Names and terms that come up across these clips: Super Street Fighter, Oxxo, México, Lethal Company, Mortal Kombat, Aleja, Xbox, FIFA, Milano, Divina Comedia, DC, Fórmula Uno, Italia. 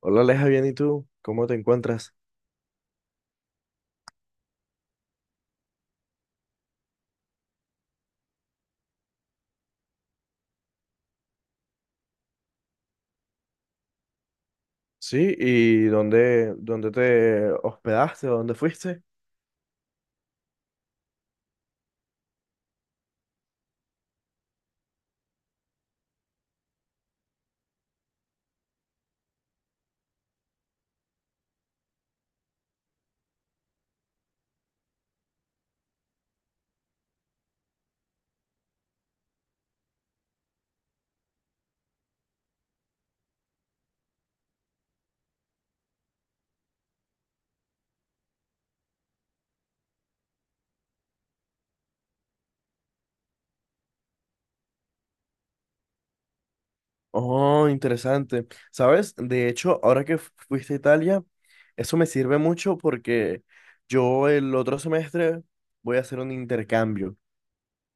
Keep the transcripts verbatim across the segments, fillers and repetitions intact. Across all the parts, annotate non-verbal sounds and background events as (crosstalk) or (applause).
Hola Aleja, bien, ¿y tú? ¿Cómo te encuentras? Sí, ¿y dónde, dónde te hospedaste o dónde fuiste? Oh, interesante. ¿Sabes? De hecho, ahora que fu- fuiste a Italia, eso me sirve mucho porque yo el otro semestre voy a hacer un intercambio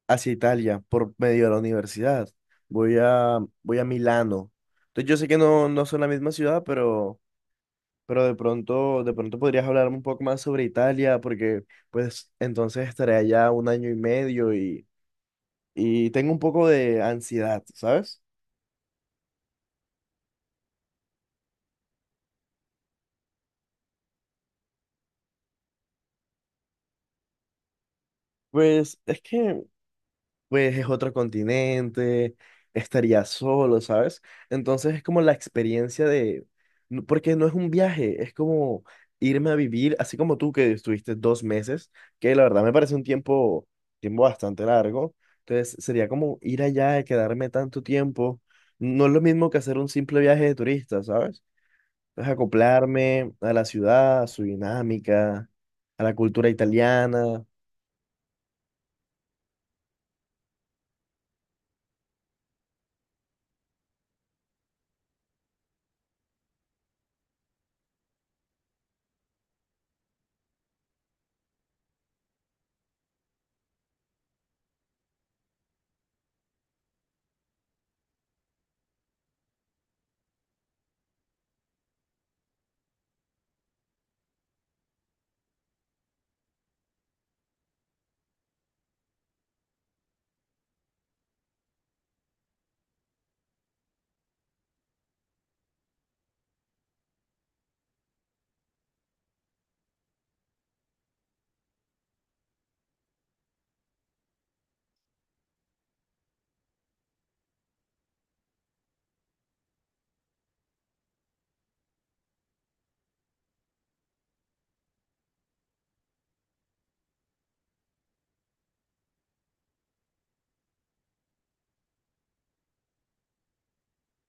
hacia Italia por medio de la universidad. Voy a, voy a Milano. Entonces yo sé que no, no son la misma ciudad, pero pero de pronto, de pronto podrías hablarme un poco más sobre Italia, porque pues entonces estaré allá un año y medio y, y tengo un poco de ansiedad, ¿sabes? Pues es que pues es otro continente, estaría solo, ¿sabes? Entonces es como la experiencia de, no- porque no es un viaje, es como irme a vivir, así como tú que estuviste dos meses, que la verdad me parece un tiempo, tiempo bastante largo, entonces sería como ir allá y quedarme tanto tiempo, no es lo mismo que hacer un simple viaje de turista, ¿sabes? Entonces acoplarme a la ciudad, a su dinámica, a la cultura italiana.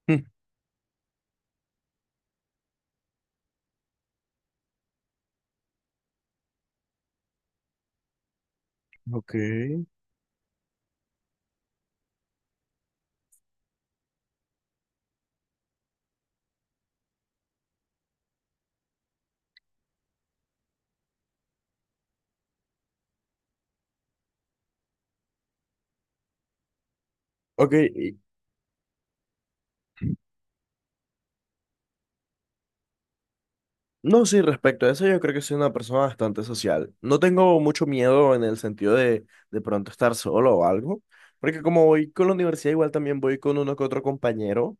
(laughs) Ok. Ok, y- No, sí, respecto a eso, yo creo que soy una persona bastante social. No tengo mucho miedo en el sentido de de pronto estar solo o algo, porque como voy con la universidad, igual también voy con uno que otro compañero,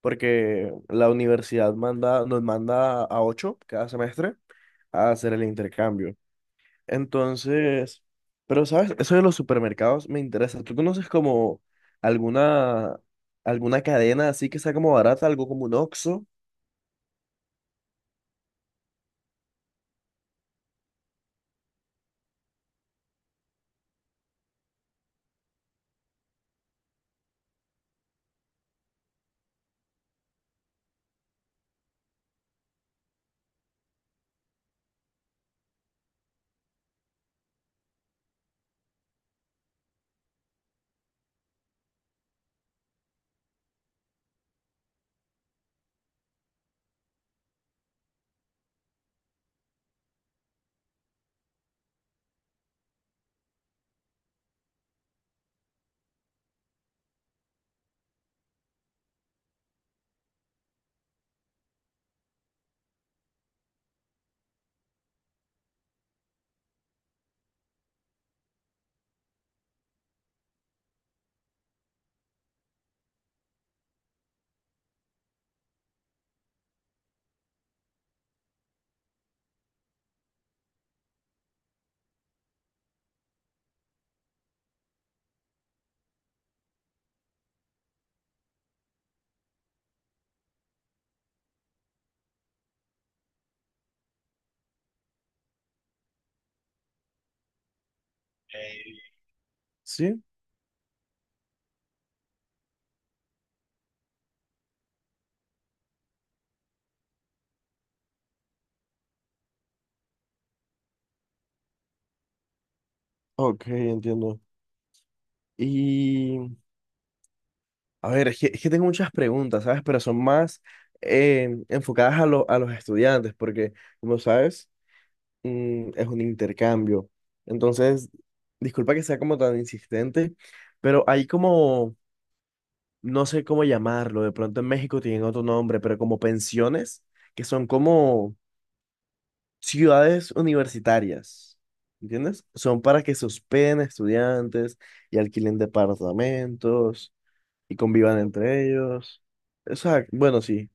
porque la universidad manda, nos manda a ocho cada semestre a hacer el intercambio. Entonces, pero sabes, eso de los supermercados me interesa. ¿Tú conoces como alguna, alguna cadena así que sea como barata, algo como un Oxxo? Sí, ok, entiendo. y A ver, es que, es que tengo muchas preguntas, ¿sabes? Pero son más eh, enfocadas a, lo- a los estudiantes, porque, como sabes, mm, es un intercambio. Entonces, disculpa que sea como tan insistente, pero hay como, no sé cómo llamarlo, de pronto en México tienen otro nombre, pero como pensiones, que son como ciudades universitarias, ¿entiendes? Son para que se hospeden estudiantes y alquilen departamentos y convivan entre ellos. Exacto, bueno, sí.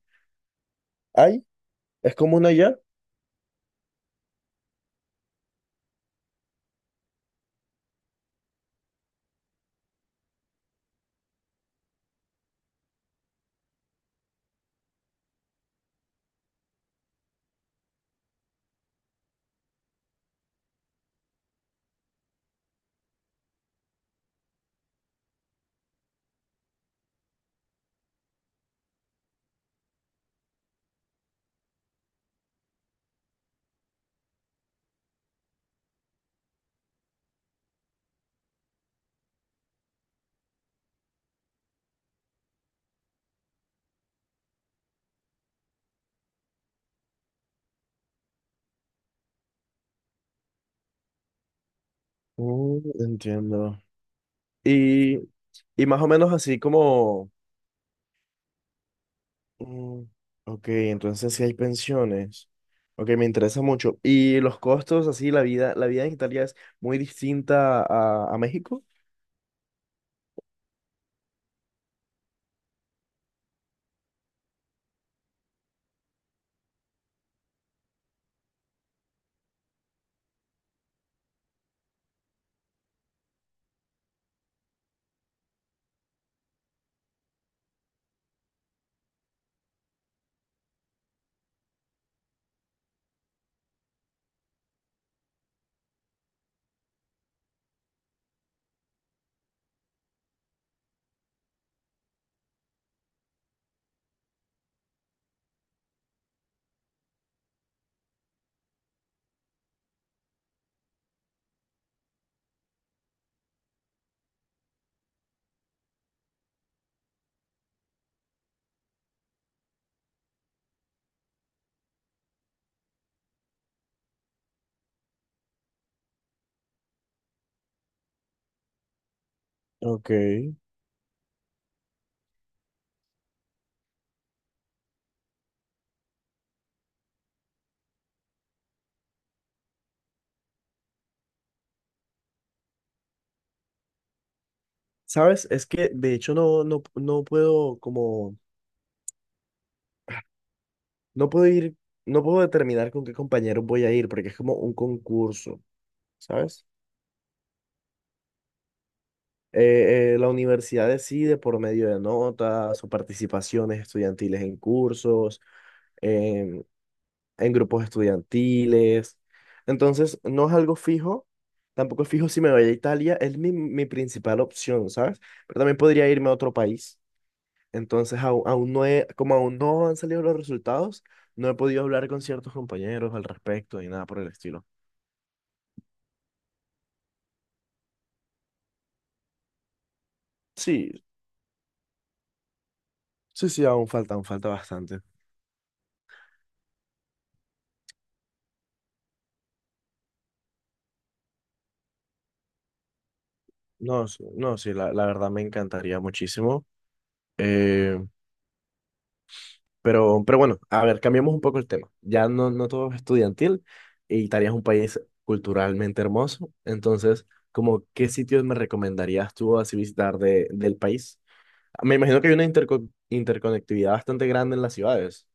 ¿Hay? ¿Es común allá? Mm, entiendo. Y, y más o menos así como... Mm, ok, entonces sí hay pensiones. Ok, me interesa mucho. ¿Y los costos, así, la vida, la vida en Italia es muy distinta a, a México? Ok. ¿Sabes? Es que de hecho no, no, no puedo como, no puedo ir, no puedo determinar con qué compañero voy a ir porque es como un concurso, ¿sabes? eh, eh, la universidad decide por medio de notas o participaciones estudiantiles en cursos, en, en grupos estudiantiles. Entonces, no es algo fijo, tampoco es fijo si me voy a Italia, es mi, mi principal opción, ¿sabes? Pero también podría irme a otro país. Entonces, aún, aún no he- como aún no han salido los resultados, no he podido hablar con ciertos compañeros al respecto ni nada por el estilo. Sí, sí, sí, aún falta, aún falta bastante. No, sí- no, sí, la, la verdad me encantaría muchísimo. Eh, pero, pero bueno, a ver, cambiamos un poco el tema. Ya no, no todo es estudiantil y Italia es un país culturalmente hermoso. Entonces, como, ¿qué sitios me recomendarías tú así visitar de, del país? Me imagino que hay una interco- interconectividad bastante grande en las ciudades.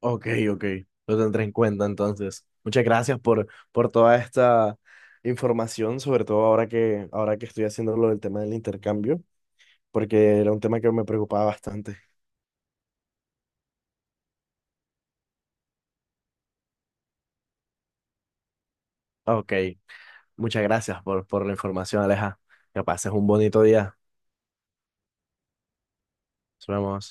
Ok, ok, lo tendré en cuenta entonces. Muchas gracias por, por toda esta información, sobre todo ahora que, ahora que estoy haciendo lo del tema del intercambio, porque era un tema que me preocupaba bastante. Ok. Muchas gracias por, por la información, Aleja. Que pases un bonito día. Nos vemos.